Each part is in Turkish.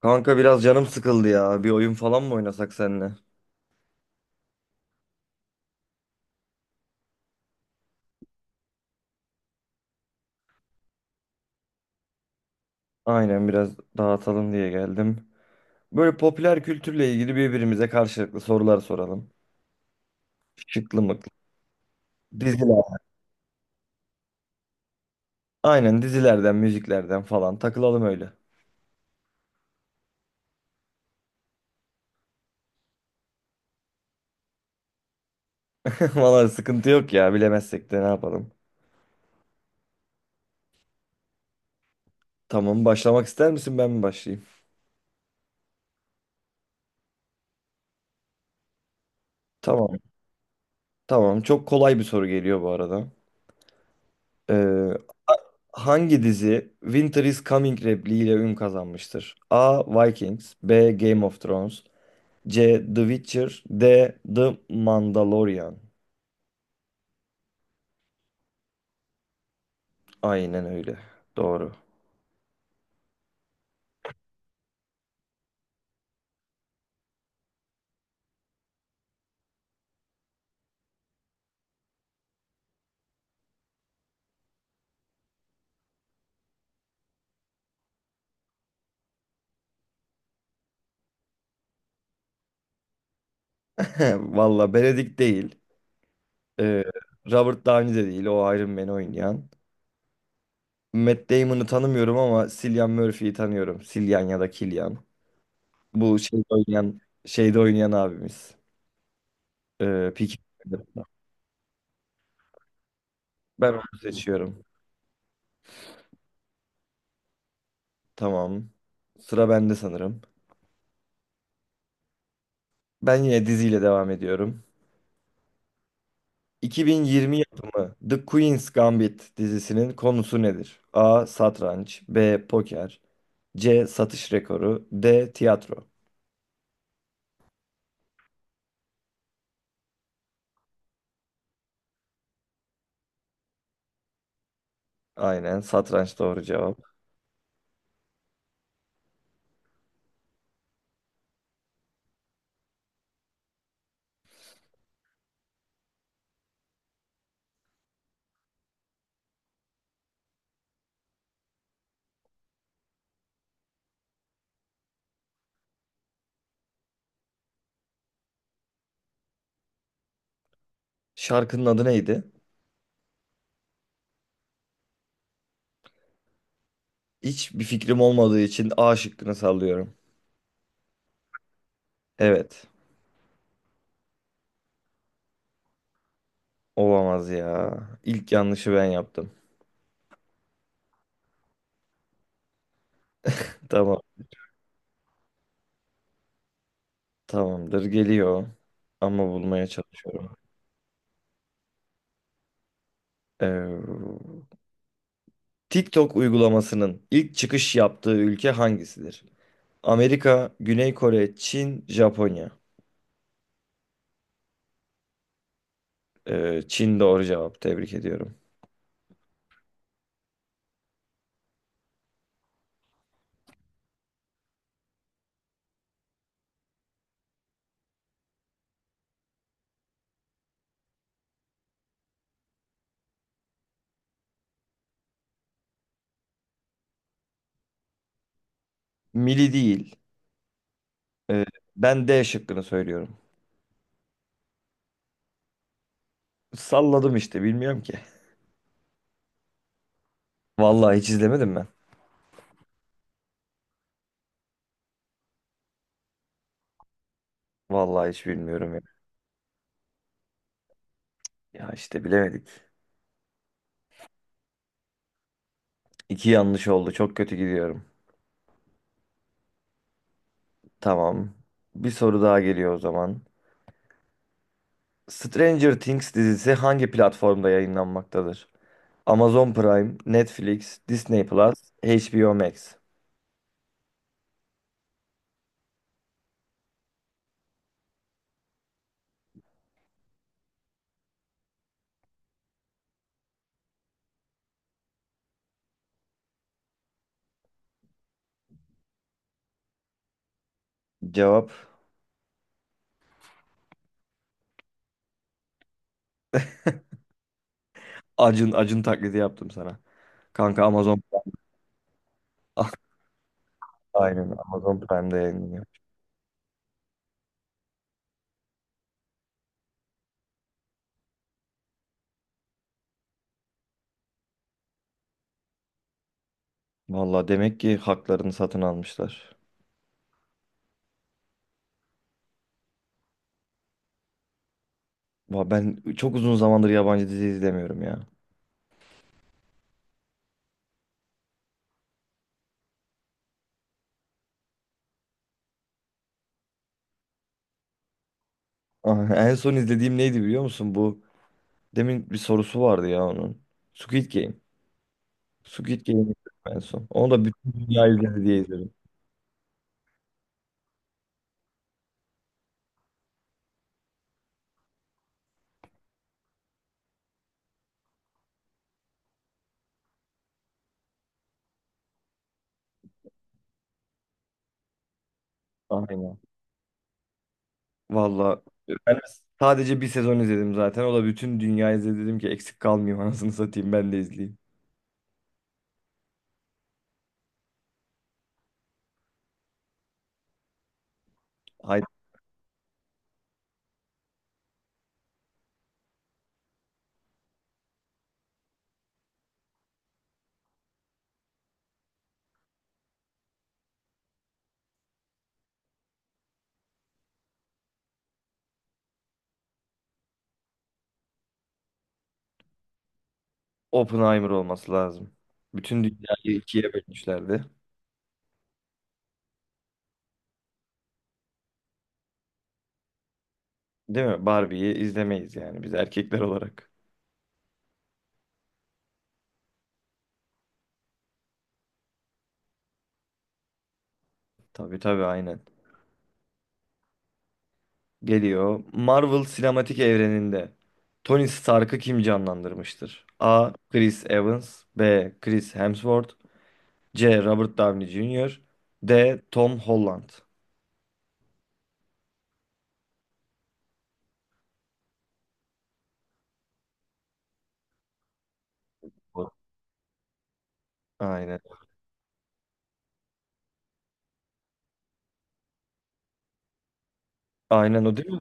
Kanka biraz canım sıkıldı ya. Bir oyun falan mı oynasak seninle? Aynen biraz dağıtalım diye geldim. Böyle popüler kültürle ilgili birbirimize karşılıklı sorular soralım. Şıklı mıklı. Diziler. Aynen dizilerden, müziklerden falan takılalım öyle. Vallahi sıkıntı yok ya. Bilemezsek de ne yapalım. Tamam, başlamak ister misin, ben mi başlayayım? Tamam. Tamam. Çok kolay bir soru geliyor bu arada. Ee, hangi dizi Winter is Coming repliğiyle ün kazanmıştır? A. Vikings, B. Game of Thrones, C. The Witcher, D. The Mandalorian. Aynen öyle. Doğru. Valla Benedict değil. Ee, Robert Downey de değil. O Iron Man'i oynayan. Matt Damon'ı tanımıyorum ama Cillian Murphy'yi tanıyorum. Cillian ya da Killian. Bu şeyde oynayan, şeyde oynayan abimiz. Ee, Peaky Blinders'da. Ben onu seçiyorum. Tamam. Sıra bende sanırım. Ben yine diziyle devam ediyorum. 2020 yapımı The Queen's Gambit dizisinin konusu nedir? A. Satranç, B. Poker, C. Satış rekoru, D. Tiyatro. Aynen, satranç doğru cevap. Şarkının adı neydi? Hiçbir fikrim olmadığı için A şıkkını sallıyorum. Evet. Olamaz ya. İlk yanlışı ben yaptım. Tamam. Tamamdır. Geliyor. Ama bulmaya çalışıyorum. Ee, TikTok uygulamasının ilk çıkış yaptığı ülke hangisidir? Amerika, Güney Kore, Çin, Japonya. Çin doğru cevap. Tebrik ediyorum. Mili değil. Ee, ben D şıkkını söylüyorum. Salladım işte, bilmiyorum ki. Vallahi hiç izlemedim ben. Vallahi hiç bilmiyorum ya. Ya işte, bilemedik. İki yanlış oldu. Çok kötü gidiyorum. Tamam. Bir soru daha geliyor o zaman. Stranger Things dizisi hangi platformda yayınlanmaktadır? Amazon Prime, Netflix, Disney Plus, HBO Max. Cevap Acun Acun taklidi yaptım sana. Kanka Amazon, aynen Amazon Prime'da yayınlanıyor. Valla demek ki haklarını satın almışlar. Va, ben çok uzun zamandır yabancı dizi izlemiyorum ya. Ah, en son izlediğim neydi biliyor musun? Bu demin bir sorusu vardı ya onun. Squid Game. Squid Game'i izledim en son. Onu da bütün dünya izledi diye izledim. Aynen. Valla ben sadece bir sezon izledim zaten. O da bütün dünya izledi. Dedim ki eksik kalmayayım, anasını satayım ben de izleyeyim. Hayır, Oppenheimer olması lazım. Bütün dünyayı ikiye bölmüşlerdi. Değil mi? Barbie'yi izlemeyiz yani biz erkekler olarak. Tabii tabii, aynen. Geliyor. Marvel sinematik evreninde Tony Stark'ı kim canlandırmıştır? A. Chris Evans, B. Chris Hemsworth, C. Robert Downey Jr., D. Tom Holland. O- aynen. Aynen, o değil mi?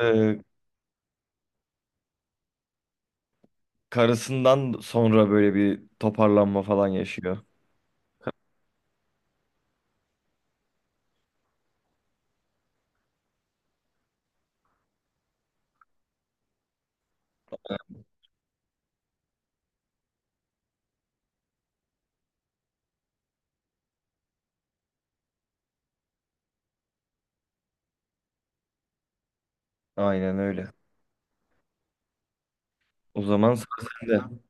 Ee, karısından sonra böyle bir toparlanma falan yaşıyor. Aynen öyle. O zaman sıra sende.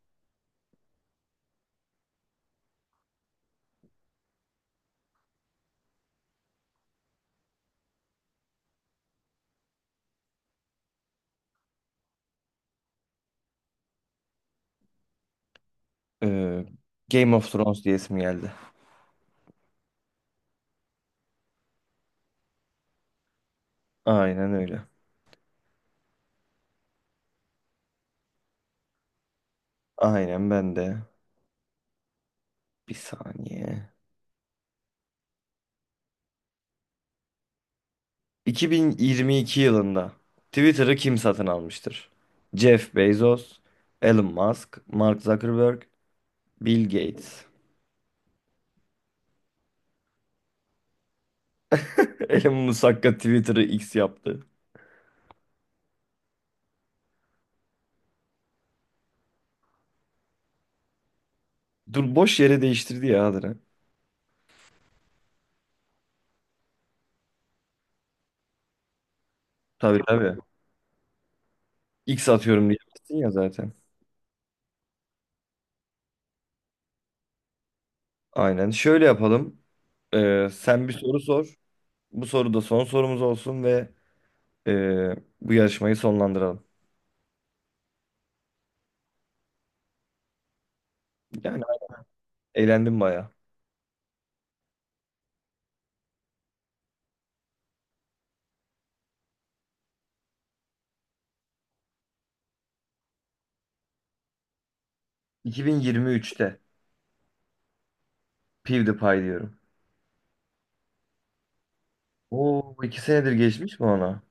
Ee, Game of Thrones diyesim geldi. Aynen öyle. Aynen ben de. Bir saniye. 2022 yılında Twitter'ı kim satın almıştır? Jeff Bezos, Elon Musk, Mark Zuckerberg, Bill Gates. Elon Musk hakka Twitter'ı X yaptı. Dur, boş yere değiştirdi ya Adra. Tabii tabii. X atıyorum diyemezsin ya zaten. Aynen. Şöyle yapalım. Sen bir soru sor. Bu soru da son sorumuz olsun ve ee, bu yarışmayı sonlandıralım. Yani eğlendim baya. 2023'te PewDiePie diyorum. Oo, iki senedir geçmiş mi ona?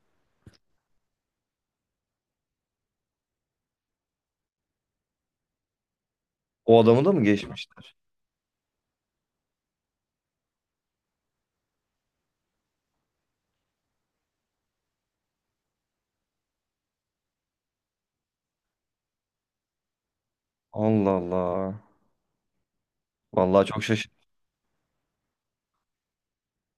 O adamı da mı geçmişler? Allah Allah. Vallahi çok şaşırdım.